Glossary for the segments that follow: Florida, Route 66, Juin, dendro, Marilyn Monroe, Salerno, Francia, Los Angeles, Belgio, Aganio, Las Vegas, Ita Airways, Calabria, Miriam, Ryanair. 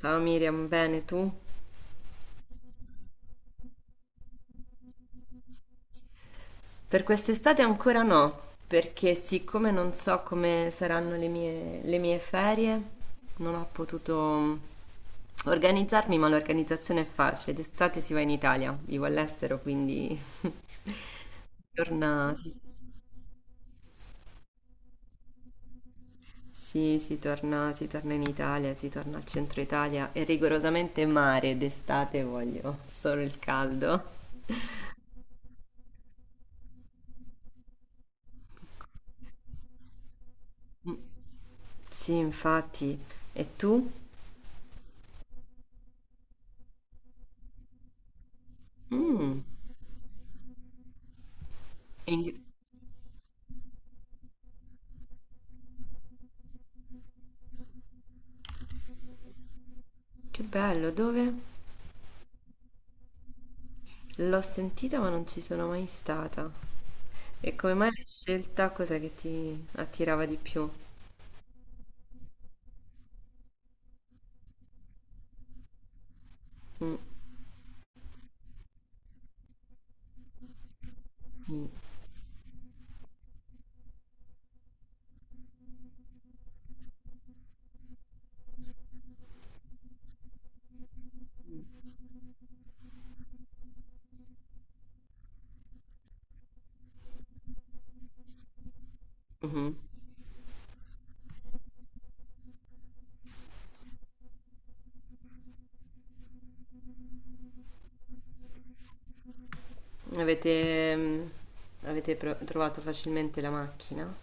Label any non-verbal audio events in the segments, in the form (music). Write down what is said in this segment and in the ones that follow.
Ciao Miriam, bene tu? Per quest'estate ancora no, perché siccome non so come saranno le mie ferie, non ho potuto organizzarmi, ma l'organizzazione è facile. D'estate si va in Italia, vivo all'estero, quindi (laughs) si torna, sì, sì, si torna in Italia, si torna al centro Italia e rigorosamente mare d'estate voglio, solo il caldo. Mm. Sì, infatti. E tu? Mm. E in- Che bello, dove? L'ho sentita ma non ci sono mai stata. E come mai l'hai scelta? Cos'è che ti attirava di più? Mm, mm, mhm. Avete, mm, avete trovato facilmente la macchina?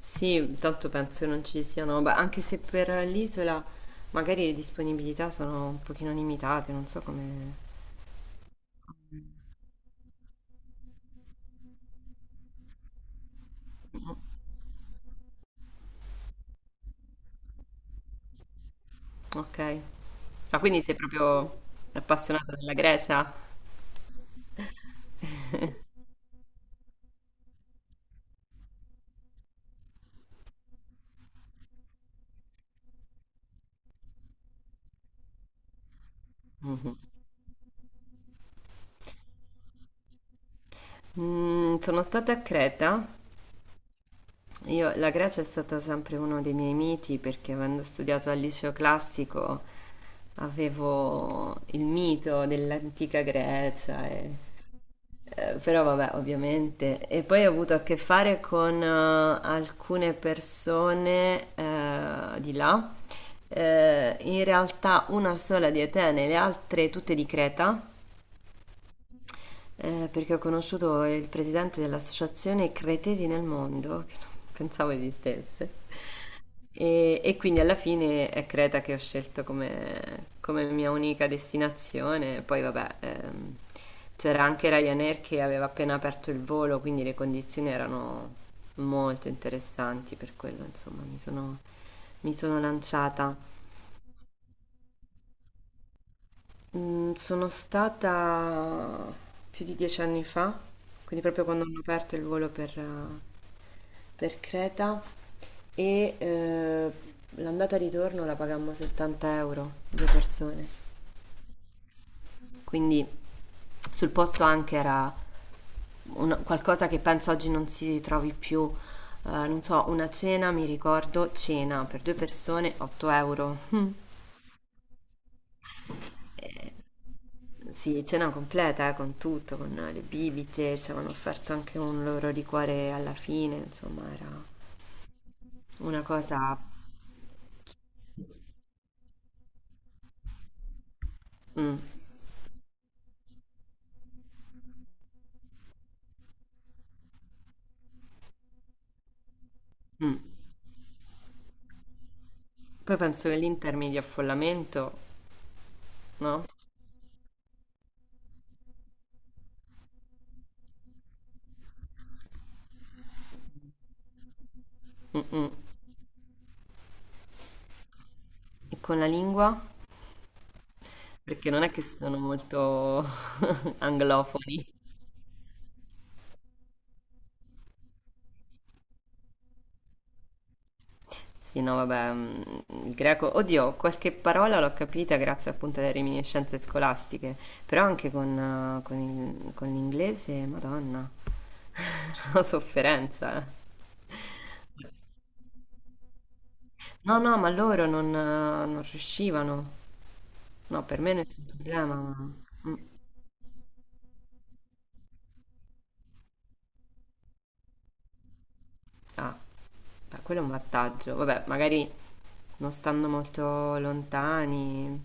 Sì, tanto penso non ci siano, beh, anche se per l'isola magari le disponibilità sono un pochino limitate, non so come. Ok. Ah, quindi sei proprio appassionata della Grecia? Mhm. Sono stata a Creta. Io, la Grecia è stata sempre uno dei miei miti perché avendo studiato al liceo classico avevo il mito dell'antica Grecia, però vabbè, ovviamente. E poi ho avuto a che fare con alcune persone di là. In realtà una sola di Atene, le altre tutte di Creta. Perché ho conosciuto il presidente dell'associazione Cretesi nel Mondo, che non pensavo esistesse. E quindi alla fine è Creta che ho scelto come mia unica destinazione. Poi vabbè, c'era anche Ryanair che aveva appena aperto il volo, quindi le condizioni erano molto interessanti per quello, insomma, mi sono lanciata. Sono stata più di 10 anni fa, quindi proprio quando hanno aperto il volo per Creta e l'andata e ritorno la pagammo 70 euro, due persone. Quindi sul posto anche era qualcosa che penso oggi non si trovi più. Non so, una cena, mi ricordo, cena per due persone, 8 euro. Sì, cena completa, con tutto, con le bibite, ci avevano offerto anche un loro liquore alla fine, insomma, era una cosa. Mm, mm. Poi penso che l'Inter mi dia affollamento, no? Mm, mm. E con la lingua? Perché non è che sono molto (laughs) anglofoni. Sì, no, vabbè, il greco, oddio, qualche parola l'ho capita grazie appunto alle reminiscenze scolastiche, però anche con l'inglese, madonna, (laughs) una sofferenza. No, no, ma loro non riuscivano. No, per me nessun problema. Mm. Ah, beh, quello è un vantaggio. Vabbè, magari non stando molto lontani.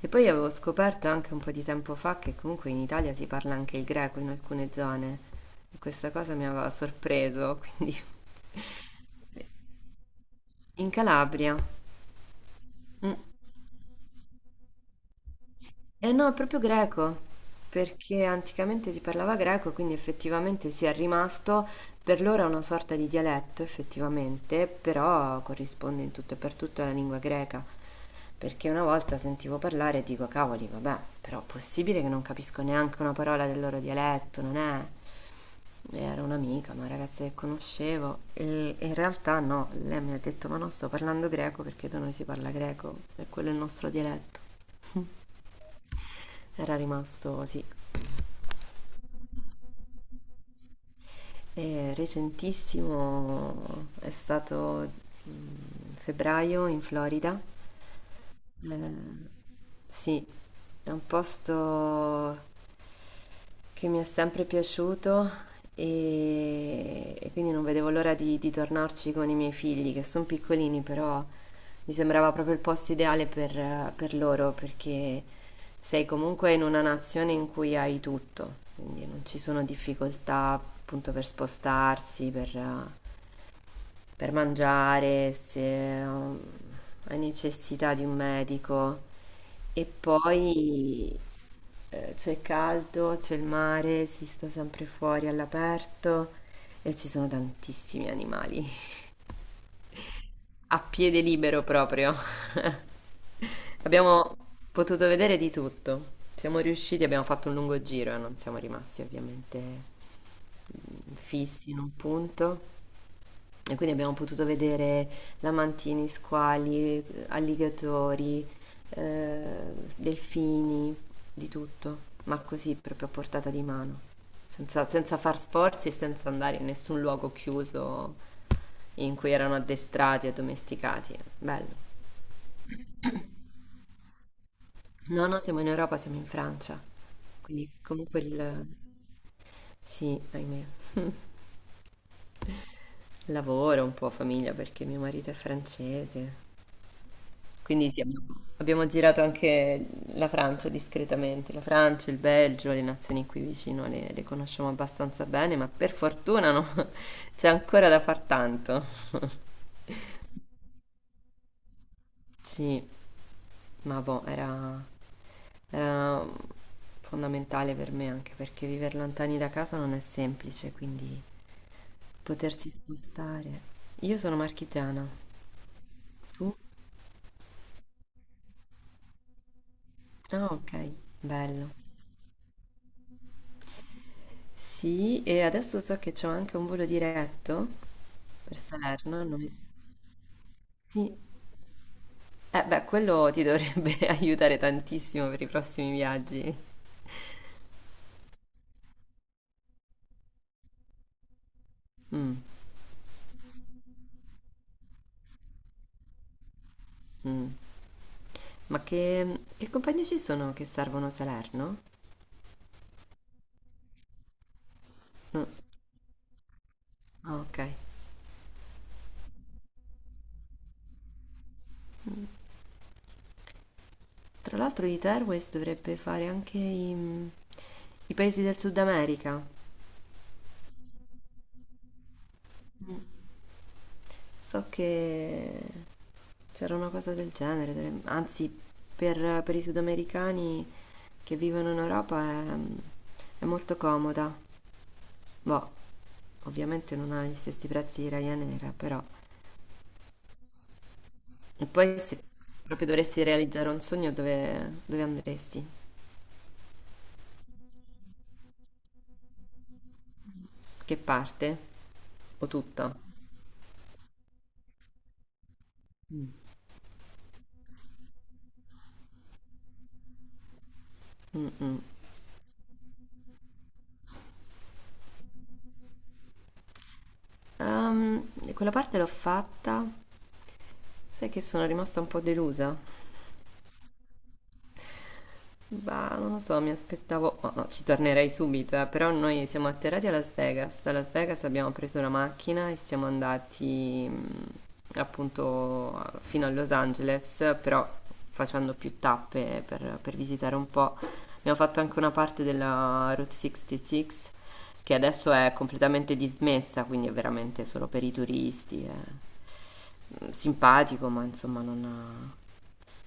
E poi avevo scoperto anche un po' di tempo fa che comunque in Italia si parla anche il greco in alcune zone. E questa cosa mi aveva sorpreso, (laughs) quindi in Calabria. Mm. Eh no, è proprio greco, perché anticamente si parlava greco, quindi effettivamente si è rimasto per loro è una sorta di dialetto, effettivamente, però corrisponde in tutto e per tutto alla lingua greca. Perché una volta sentivo parlare e dico, cavoli, vabbè, però possibile che non capisco neanche una parola del loro dialetto, non è? E era un'amica, una ragazza che conoscevo, e in realtà no, lei mi ha detto, ma no, sto parlando greco perché da noi si parla greco, e quello è il nostro dialetto. Era rimasto, sì. Recentissimo è stato febbraio in Florida. Eh, sì, è un posto che mi è sempre piaciuto e quindi non vedevo l'ora di tornarci con i miei figli, che sono piccolini, però mi sembrava proprio il posto ideale per loro, perché sei comunque in una nazione in cui hai tutto, quindi non ci sono difficoltà appunto per spostarsi, per mangiare, se um, hai necessità di un medico. E poi c'è caldo, c'è il mare, si sta sempre fuori all'aperto e ci sono tantissimi animali. A piede libero proprio. (laughs) Abbiamo potuto vedere di tutto. Siamo riusciti, abbiamo fatto un lungo giro e non siamo rimasti ovviamente fissi in un punto. E quindi abbiamo potuto vedere lamantini, squali, alligatori, delfini, di tutto, ma così proprio a portata di mano, senza far sforzi e senza andare in nessun luogo chiuso in cui erano addestrati e domesticati. Bello. No, no, siamo in Europa, siamo in Francia. Quindi comunque il. Sì, ahimè. Lavoro un po', famiglia, perché mio marito è francese. Quindi sì, abbiamo girato anche la Francia discretamente, la Francia, il Belgio, le nazioni qui vicino le conosciamo abbastanza bene, ma per fortuna no, (laughs) c'è ancora da far tanto. Sì, ma boh, era fondamentale per me anche perché vivere lontani da casa non è semplice, quindi potersi spostare. Io sono marchigiana, tu? Ah, ok, bello. Sì, e adesso so che c'ho anche un volo diretto per Salerno, non mi. Sì. Eh beh, quello ti dovrebbe (laughs) aiutare tantissimo per i prossimi viaggi. Mm, mm. Ma che compagnie ci sono che servono Salerno? No. Ah, ok. Tra l'altro Ita Airways dovrebbe fare anche i paesi del Sud America. So che c'era una cosa del genere, anzi per i sudamericani che vivono in Europa è molto comoda. Boh, ovviamente non ha gli stessi prezzi di Ryanair, però. E poi se proprio dovresti realizzare un sogno, dove andresti? Che parte? O tutta? Mm. Mm-mm. Quella parte l'ho fatta, sai che sono rimasta un po' delusa. Bah, non lo so, mi aspettavo, no, no, ci tornerei subito, però noi siamo atterrati a Las Vegas. Da Las Vegas abbiamo preso la macchina e siamo andati appunto fino a Los Angeles, però facendo più tappe per visitare un po'. Abbiamo fatto anche una parte della Route 66 che adesso è completamente dismessa, quindi è veramente solo per i turisti. Simpatico, ma insomma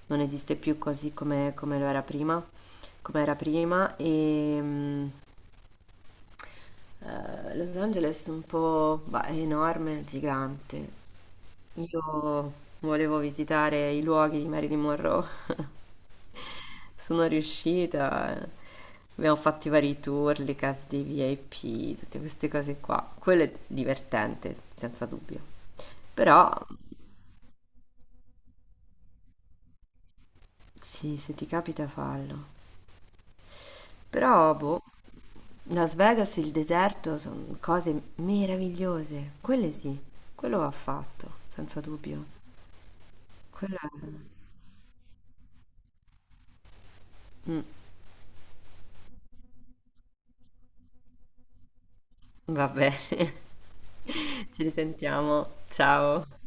non esiste più così come lo era prima, come era prima e Los Angeles è un po', bah, è enorme, gigante. Io volevo visitare i luoghi di Marilyn Monroe, (laughs) sono riuscita. Abbiamo fatto i vari tour, le case dei VIP, tutte queste cose qua. Quello è divertente, senza dubbio. Però, sì, se ti capita fallo. Però, boh, Las Vegas e il deserto sono cose meravigliose. Quelle sì, quello va fatto, senza dubbio. Quello è. Mm, va bene. (laughs) Ci risentiamo. Ciao.